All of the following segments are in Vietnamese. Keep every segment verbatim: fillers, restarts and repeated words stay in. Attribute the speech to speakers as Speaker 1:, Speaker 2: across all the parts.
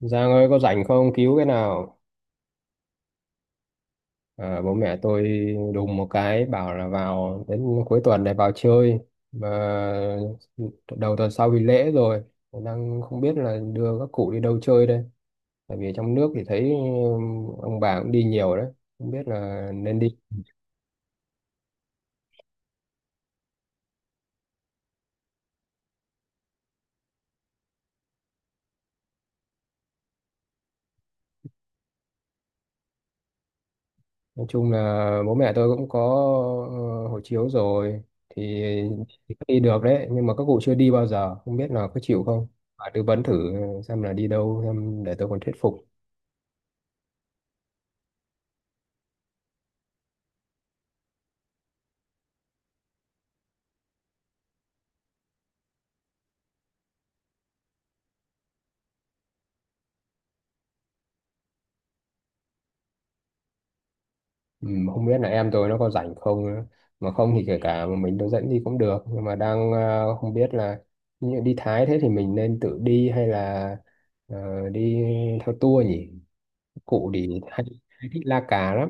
Speaker 1: Giang ơi, có rảnh không, cứu cái nào. À, bố mẹ tôi đùng một cái bảo là vào đến cuối tuần này vào chơi, mà đầu tuần sau thì lễ rồi, đang không biết là đưa các cụ đi đâu chơi đây. Tại vì trong nước thì thấy ông bà cũng đi nhiều đấy, không biết là nên đi. Nói chung là bố mẹ tôi cũng có ờ, hộ chiếu rồi thì đi được đấy, nhưng mà các cụ chưa đi bao giờ, không biết là có chịu không. Bà tư vấn thử xem là đi đâu xem để tôi còn thuyết phục. Ừ, mà không biết là em tôi nó có rảnh không nữa. Mà không thì kể cả mà mình tôi dẫn đi cũng được, nhưng mà đang ờ, không biết là như đi Thái thế thì mình nên tự đi hay là ờ, đi theo tour nhỉ. Cụ thì hay, hay thích la cà lắm.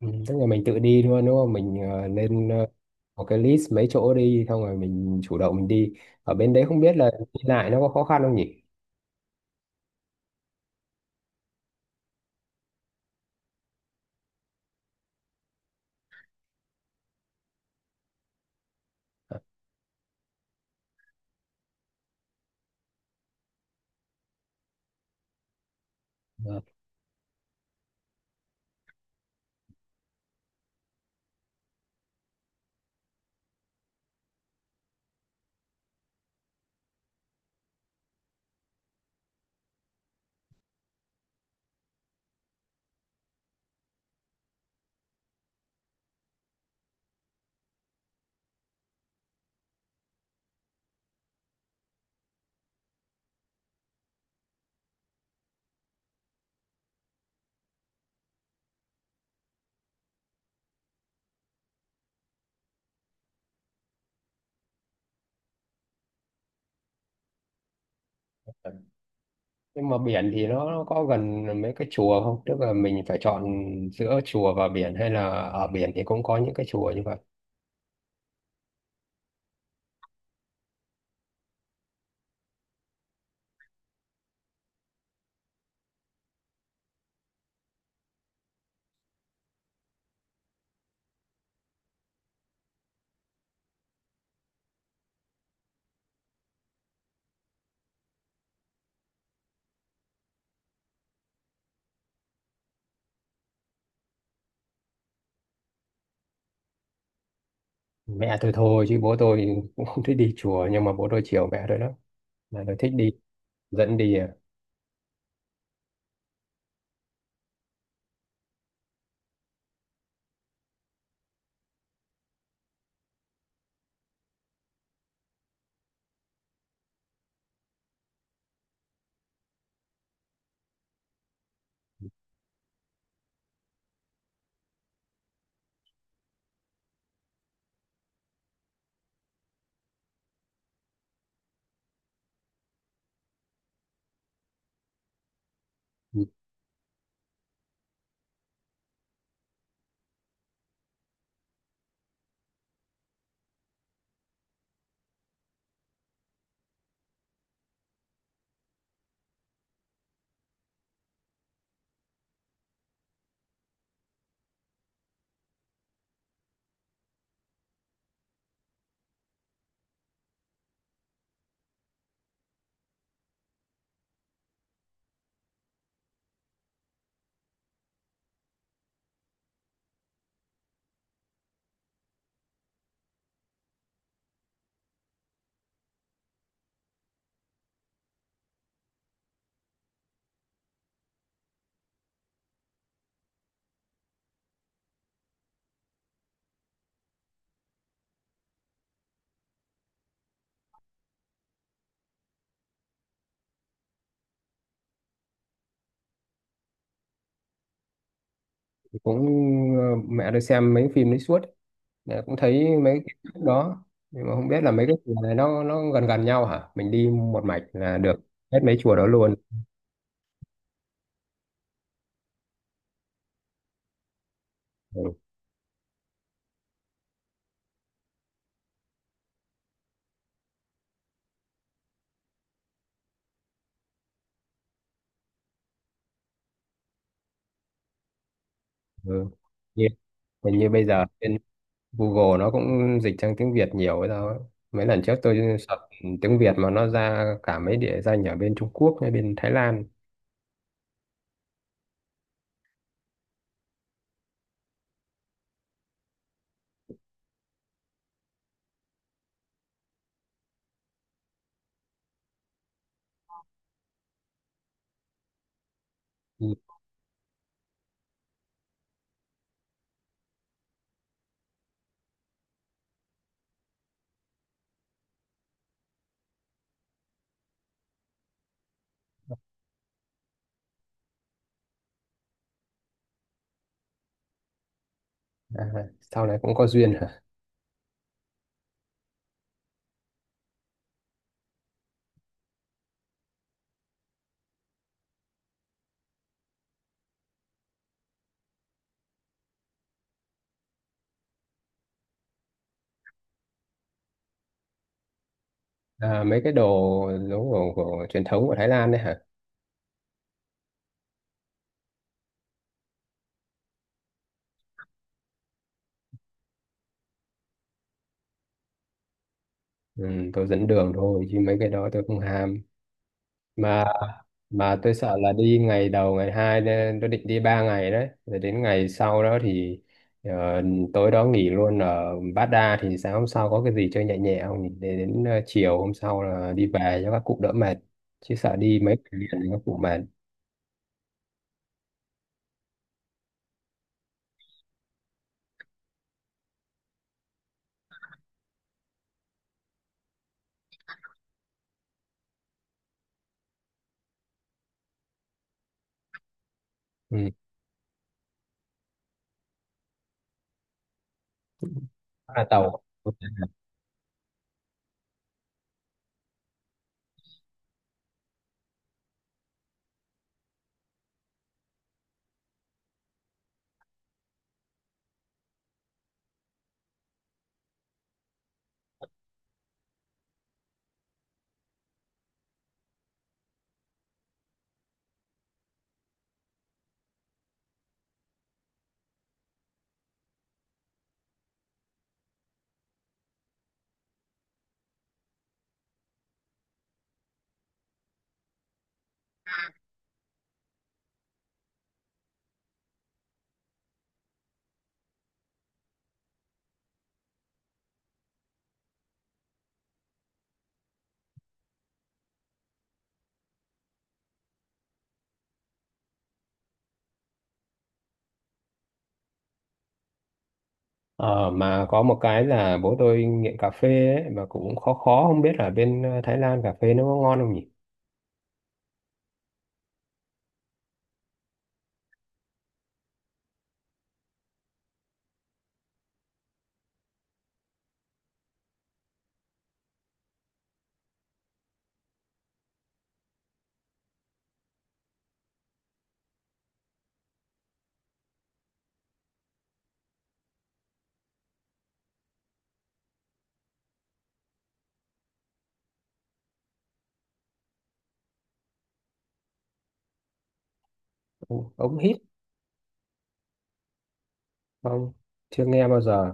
Speaker 1: Ừ, tức là mình tự đi thôi đúng không, mình ờ, nên ờ, một cái list mấy chỗ đi xong rồi mình chủ động mình đi. Ở bên đấy không biết là đi lại nó có khó khăn không nhỉ. Ờ. Nhưng mà biển thì nó, nó có gần mấy cái chùa không, tức là mình phải chọn giữa chùa và biển, hay là ở biển thì cũng có những cái chùa như vậy? Mẹ tôi thôi chứ bố tôi cũng không thích đi chùa, nhưng mà bố tôi chiều mẹ tôi lắm, mẹ tôi thích đi dẫn đi à. Ừ, cũng ờ, mẹ tôi xem mấy phim đấy suốt. Mẹ cũng thấy mấy cái đó. Nhưng mà không biết là mấy cái chùa này nó nó gần gần nhau hả, mình đi một mạch là được hết mấy chùa đó luôn? Ừ. Ừ. Như, Hình như bây giờ trên Google nó cũng dịch sang tiếng Việt nhiều ấy thôi, mấy lần trước tôi search tiếng Việt mà nó ra cả mấy địa danh ở bên Trung Quốc hay bên Thái Lan. Ừ. À, sau này cũng có duyên hả? À, mấy cái đồ đồ của, của truyền thống của Thái Lan đấy hả? Ừ, tôi dẫn đường thôi chứ mấy cái đó tôi không ham. Mà mà tôi sợ là đi ngày đầu ngày hai nên tôi định đi ba ngày đấy, rồi đến ngày sau đó thì ờ, tối đó nghỉ luôn ở Bát Đa thì sáng hôm sau có cái gì chơi nhẹ nhẹ không, để đến ờ, chiều hôm sau là đi về cho các cụ đỡ mệt, chứ sợ đi mấy ngày liền thì các cụ mệt. Ừ. À, tàu. Ờ, mà có một cái là bố tôi nghiện cà phê ấy, mà cũng khó khó không biết là bên ờ, Thái Lan cà phê nó có ngon không nhỉ? Ông, ông hít không? Chưa nghe bao giờ.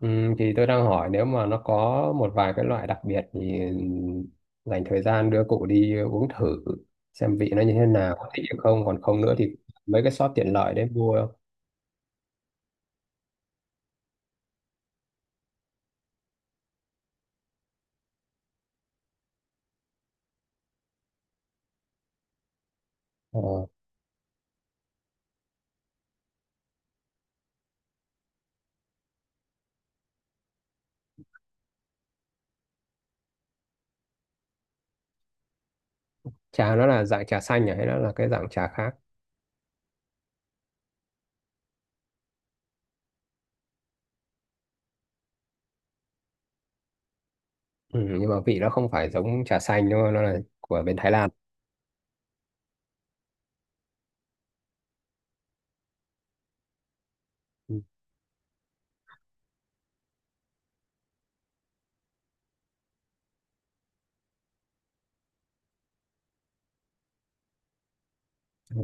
Speaker 1: Ừ, thì tôi đang hỏi nếu mà nó có một vài cái loại đặc biệt thì dành thời gian đưa cụ đi uống thử, xem vị nó như thế nào, có thích hay không, còn không nữa thì mấy cái shop tiện lợi đấy mua không? ờ, Trà nó là dạng trà xanh à, hay nó là cái dạng trà khác? Ừ, nhưng mà vị nó không phải giống trà xanh đúng không, nó là của bên Thái Lan? Ừ,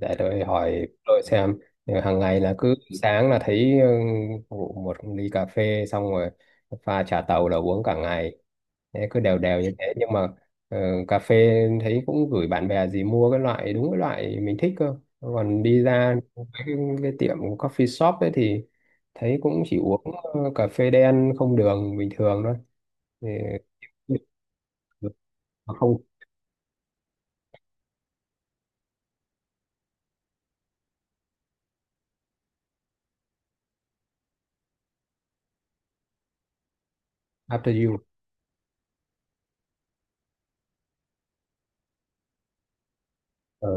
Speaker 1: để tôi hỏi tôi xem. Ừ, hàng ngày là cứ sáng là thấy ừ, phục một ly cà phê xong rồi pha trà tàu là uống cả ngày, thế cứ đều đều như thế, nhưng mà ừ, cà phê thấy cũng gửi bạn bè gì mua cái loại đúng cái loại mình thích cơ, còn đi ra cái, cái tiệm coffee shop ấy thì thấy cũng chỉ uống ừ, cà phê đen không đường bình thường thôi thì, không. After you. Ờ.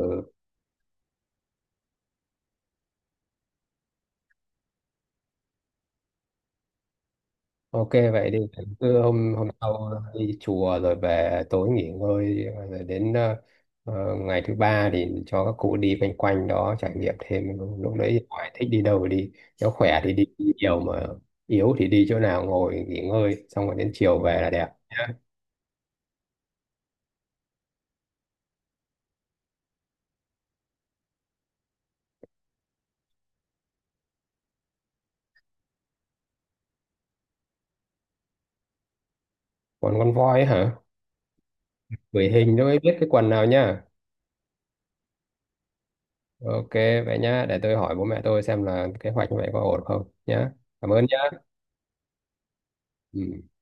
Speaker 1: Ok, vậy đi. Cứ hôm hôm sau đi chùa rồi về tối nghỉ ngơi, rồi đến ờ, ờ, ngày thứ ba thì cho các cụ đi quanh quanh đó trải nghiệm thêm, lúc đấy thì hỏi thích đi đâu thì đi. Nếu khỏe thì đi nhiều, mà yếu thì đi chỗ nào ngồi nghỉ ngơi, xong rồi đến chiều về là đẹp nhá. Còn con voi ấy hả? Gửi hình cho mới biết cái quần nào nhá. Ok, vậy nhá, để tôi hỏi bố mẹ tôi xem là kế hoạch như vậy có ổn không nhá. Cảm ơn nhá. Ừ.